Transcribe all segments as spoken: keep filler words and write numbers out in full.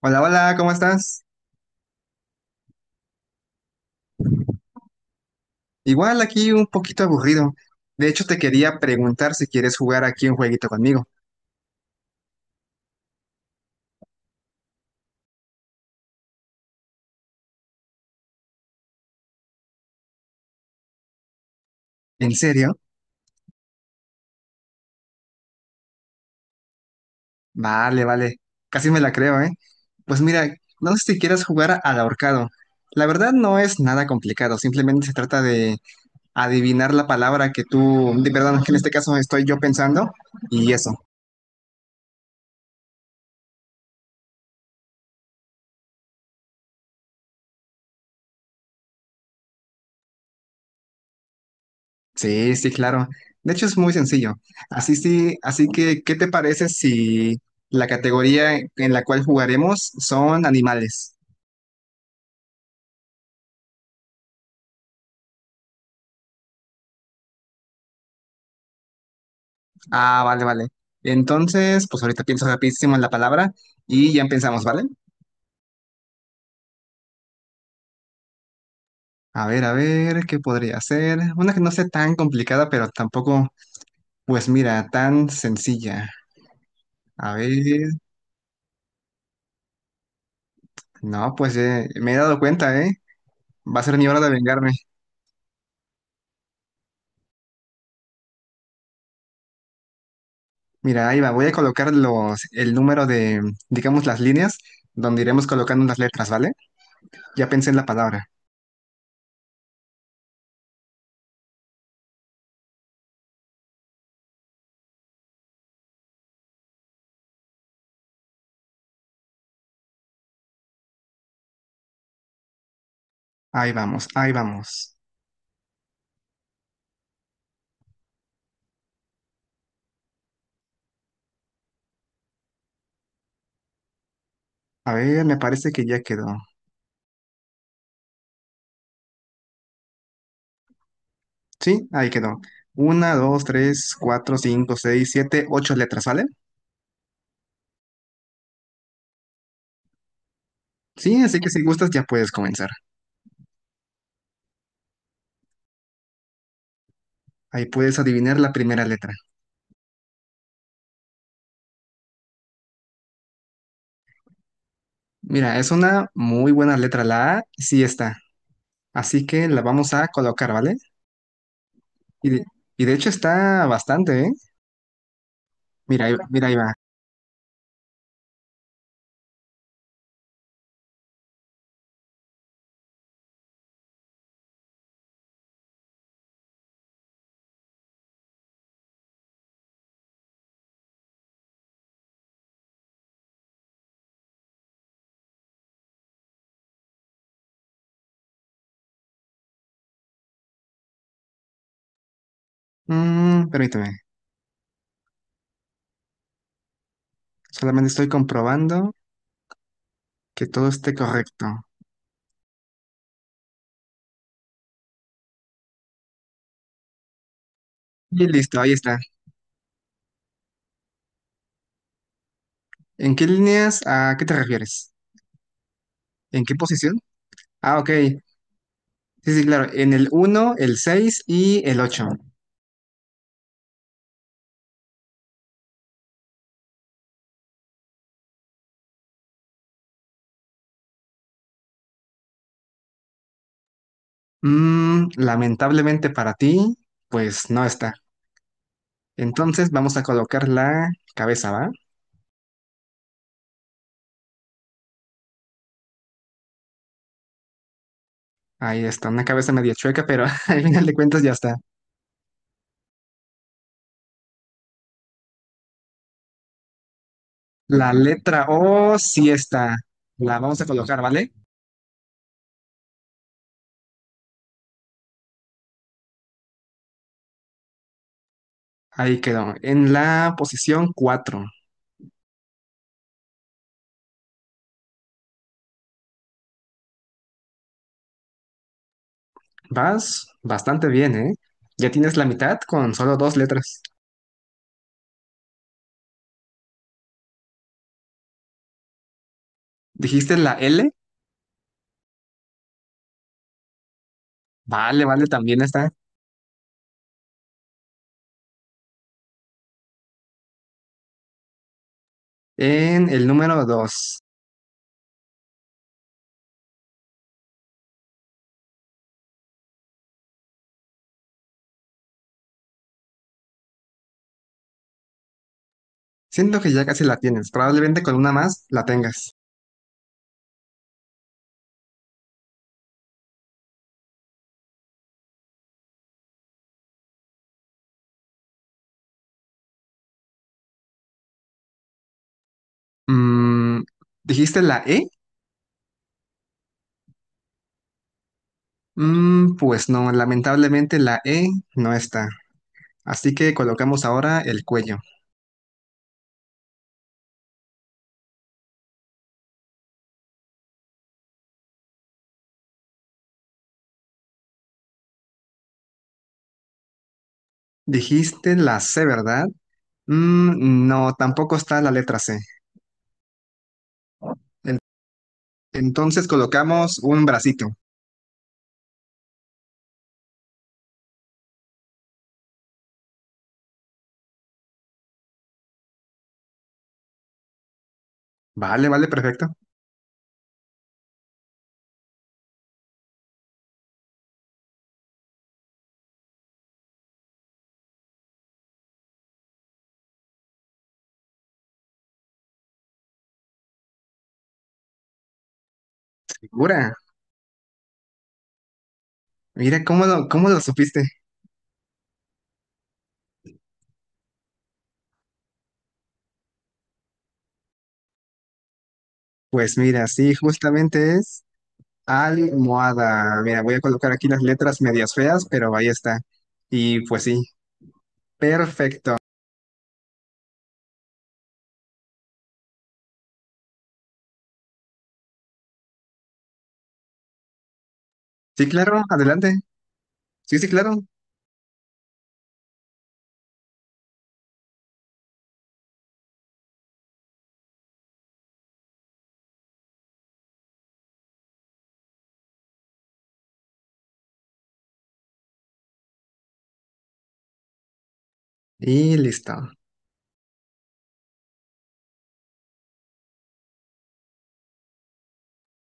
Hola, hola, ¿cómo estás? Igual aquí un poquito aburrido. De hecho, te quería preguntar si quieres jugar aquí un jueguito conmigo. ¿En serio? Vale, vale. Casi me la creo, ¿eh? Pues mira, no sé si quieres jugar al ahorcado. La verdad no es nada complicado, simplemente se trata de adivinar la palabra que tú, de, perdón, que en este caso estoy yo pensando y eso. Sí, sí, claro. De hecho, es muy sencillo. Así sí, así que, ¿qué te parece si la categoría en la cual jugaremos son animales? Ah, vale, vale. Entonces, pues ahorita pienso rapidísimo en la palabra y ya empezamos, ¿vale? A ver, a ver, ¿qué podría ser? Una que no sea tan complicada, pero tampoco, pues mira, tan sencilla. A ver, no, pues eh, me he dado cuenta, ¿eh? Va a ser mi hora de vengarme. Mira, ahí va, voy a colocar los, el número de, digamos, las líneas donde iremos colocando las letras, ¿vale? Ya pensé en la palabra. Ahí vamos, ahí vamos. A ver, me parece que ya quedó. Sí, ahí quedó. Una, dos, tres, cuatro, cinco, seis, siete, ocho letras, ¿vale? Sí, así que si gustas ya puedes comenzar. Ahí puedes adivinar la primera letra. Mira, es una muy buena letra, la A, sí está. Así que la vamos a colocar, ¿vale? Y de, y de hecho está bastante, ¿eh? Mira, ahí- mira, ahí va. Mm, permíteme. Solamente estoy comprobando que todo esté correcto. Y listo, ahí está. ¿En qué líneas? ¿A qué te refieres? ¿En qué posición? Ah, ok. Sí, sí, claro. En el uno el seis y el ocho. Mm, lamentablemente para ti, pues no está. Entonces vamos a colocar la cabeza, ¿va? Ahí está, una cabeza medio chueca, pero al final de cuentas ya está. La letra O sí está. La vamos a colocar, ¿vale? Ahí quedó. En la posición cuatro. Vas bastante bien, ¿eh? Ya tienes la mitad con solo dos letras. ¿Dijiste la L? Vale, vale, también está en el número dos. Siento que ya casi la tienes. Probablemente con una más la tengas. Mm, ¿Dijiste la E? Mm, pues no, lamentablemente la E no está. Así que colocamos ahora el cuello. Dijiste la C, ¿verdad? Mm, no, tampoco está la letra C. En- Entonces colocamos un bracito. Vale, vale, perfecto. Figura. Mira, ¿cómo lo, cómo lo supiste? Pues mira, sí, justamente es almohada. Mira, voy a colocar aquí las letras medias feas, pero ahí está. Y pues sí, perfecto. Sí, claro, adelante. Sí, sí, claro. Y listo.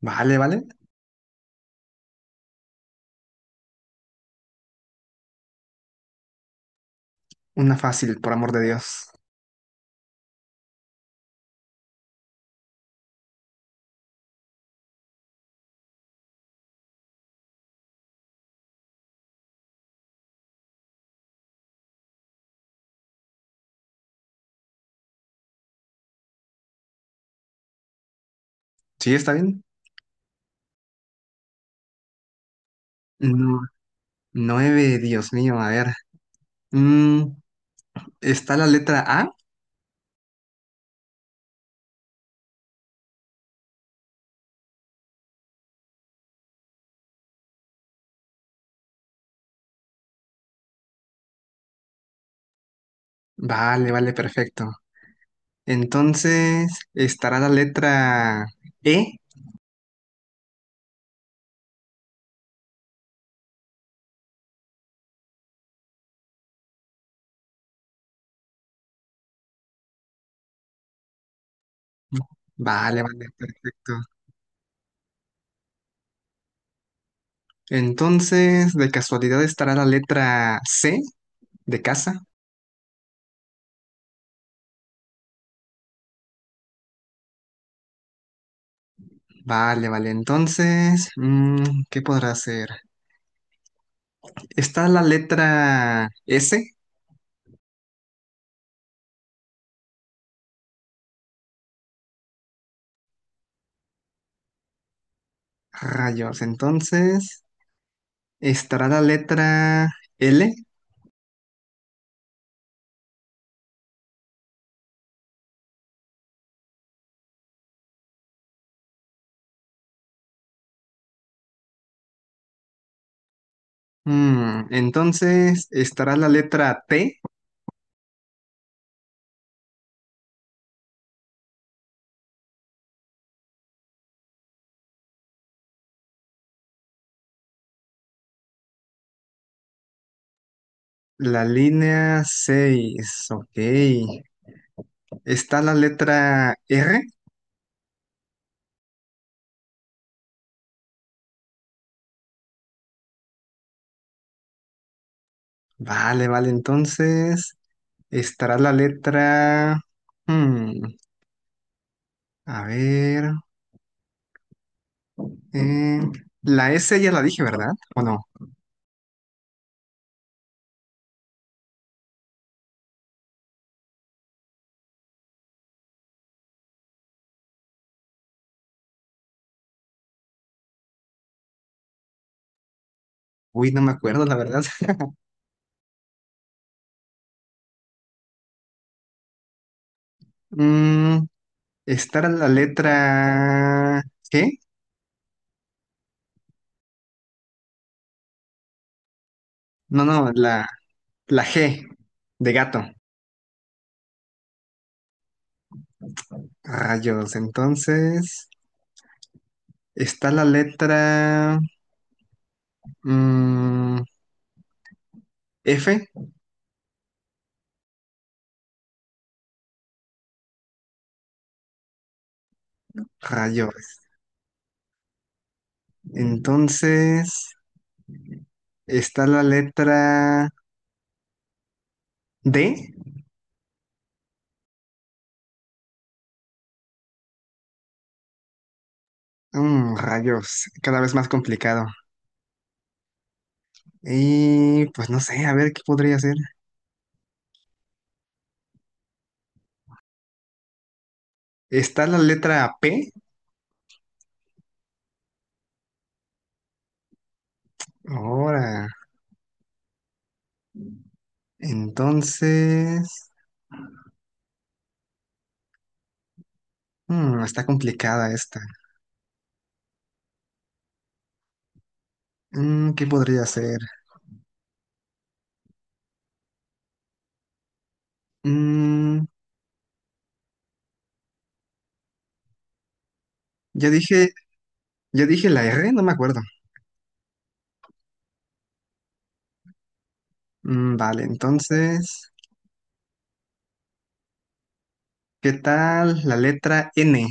Vale, vale. Una fácil, por amor de Dios. ¿Sí está bien? No, nueve, Dios mío, a ver. Mm, ¿está la letra A? Vale, vale, perfecto. Entonces, ¿estará la letra E? Vale, vale, perfecto. Entonces, de casualidad estará la letra C de casa. Vale, vale. Entonces, mm, ¿qué podrá ser? Está la letra S, rayos. Entonces, estará la letra L. Mm, entonces, estará la letra T, la línea seis, ok. Está la letra R. Vale, vale. Entonces, estará la letra, mm, a ver. Mm, la S ya la dije, ¿verdad? ¿O no? Uy, no me acuerdo, la verdad. Mm, Estar la letra G. No, no, la, la G de gato. Rayos, entonces está la letra, mm, F. Rayos. Entonces está la letra D. Mm, rayos, cada vez más complicado. Y pues no sé, a ver qué podría ser. Está la letra P. Ahora, entonces, mm, está complicada esta. Mm, ¿qué podría ser? Mm, ya dije, ya dije la R, no me acuerdo. Mm, vale, entonces, ¿qué tal la letra N?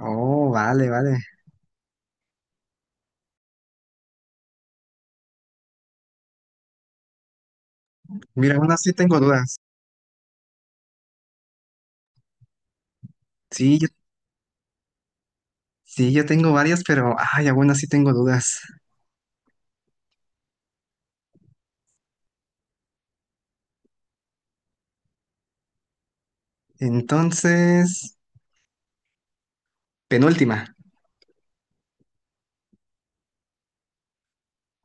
Oh, vale, vale. Mira, aún así tengo dudas. Sí, yo, sí, yo tengo varias, pero, ay, aún así tengo dudas. Entonces, penúltima.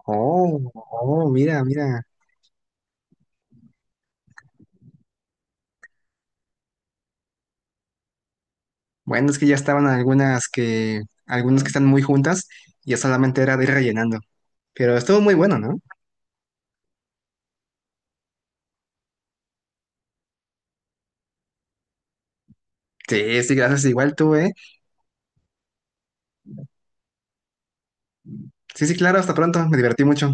Oh, oh, mira, mira. Bueno, es que ya estaban algunas que, algunas que, están muy juntas, y ya solamente era de ir rellenando. Pero estuvo muy bueno, ¿no? Sí, sí, gracias, igual tú, ¿eh? Sí, sí, claro, hasta pronto, me divertí mucho.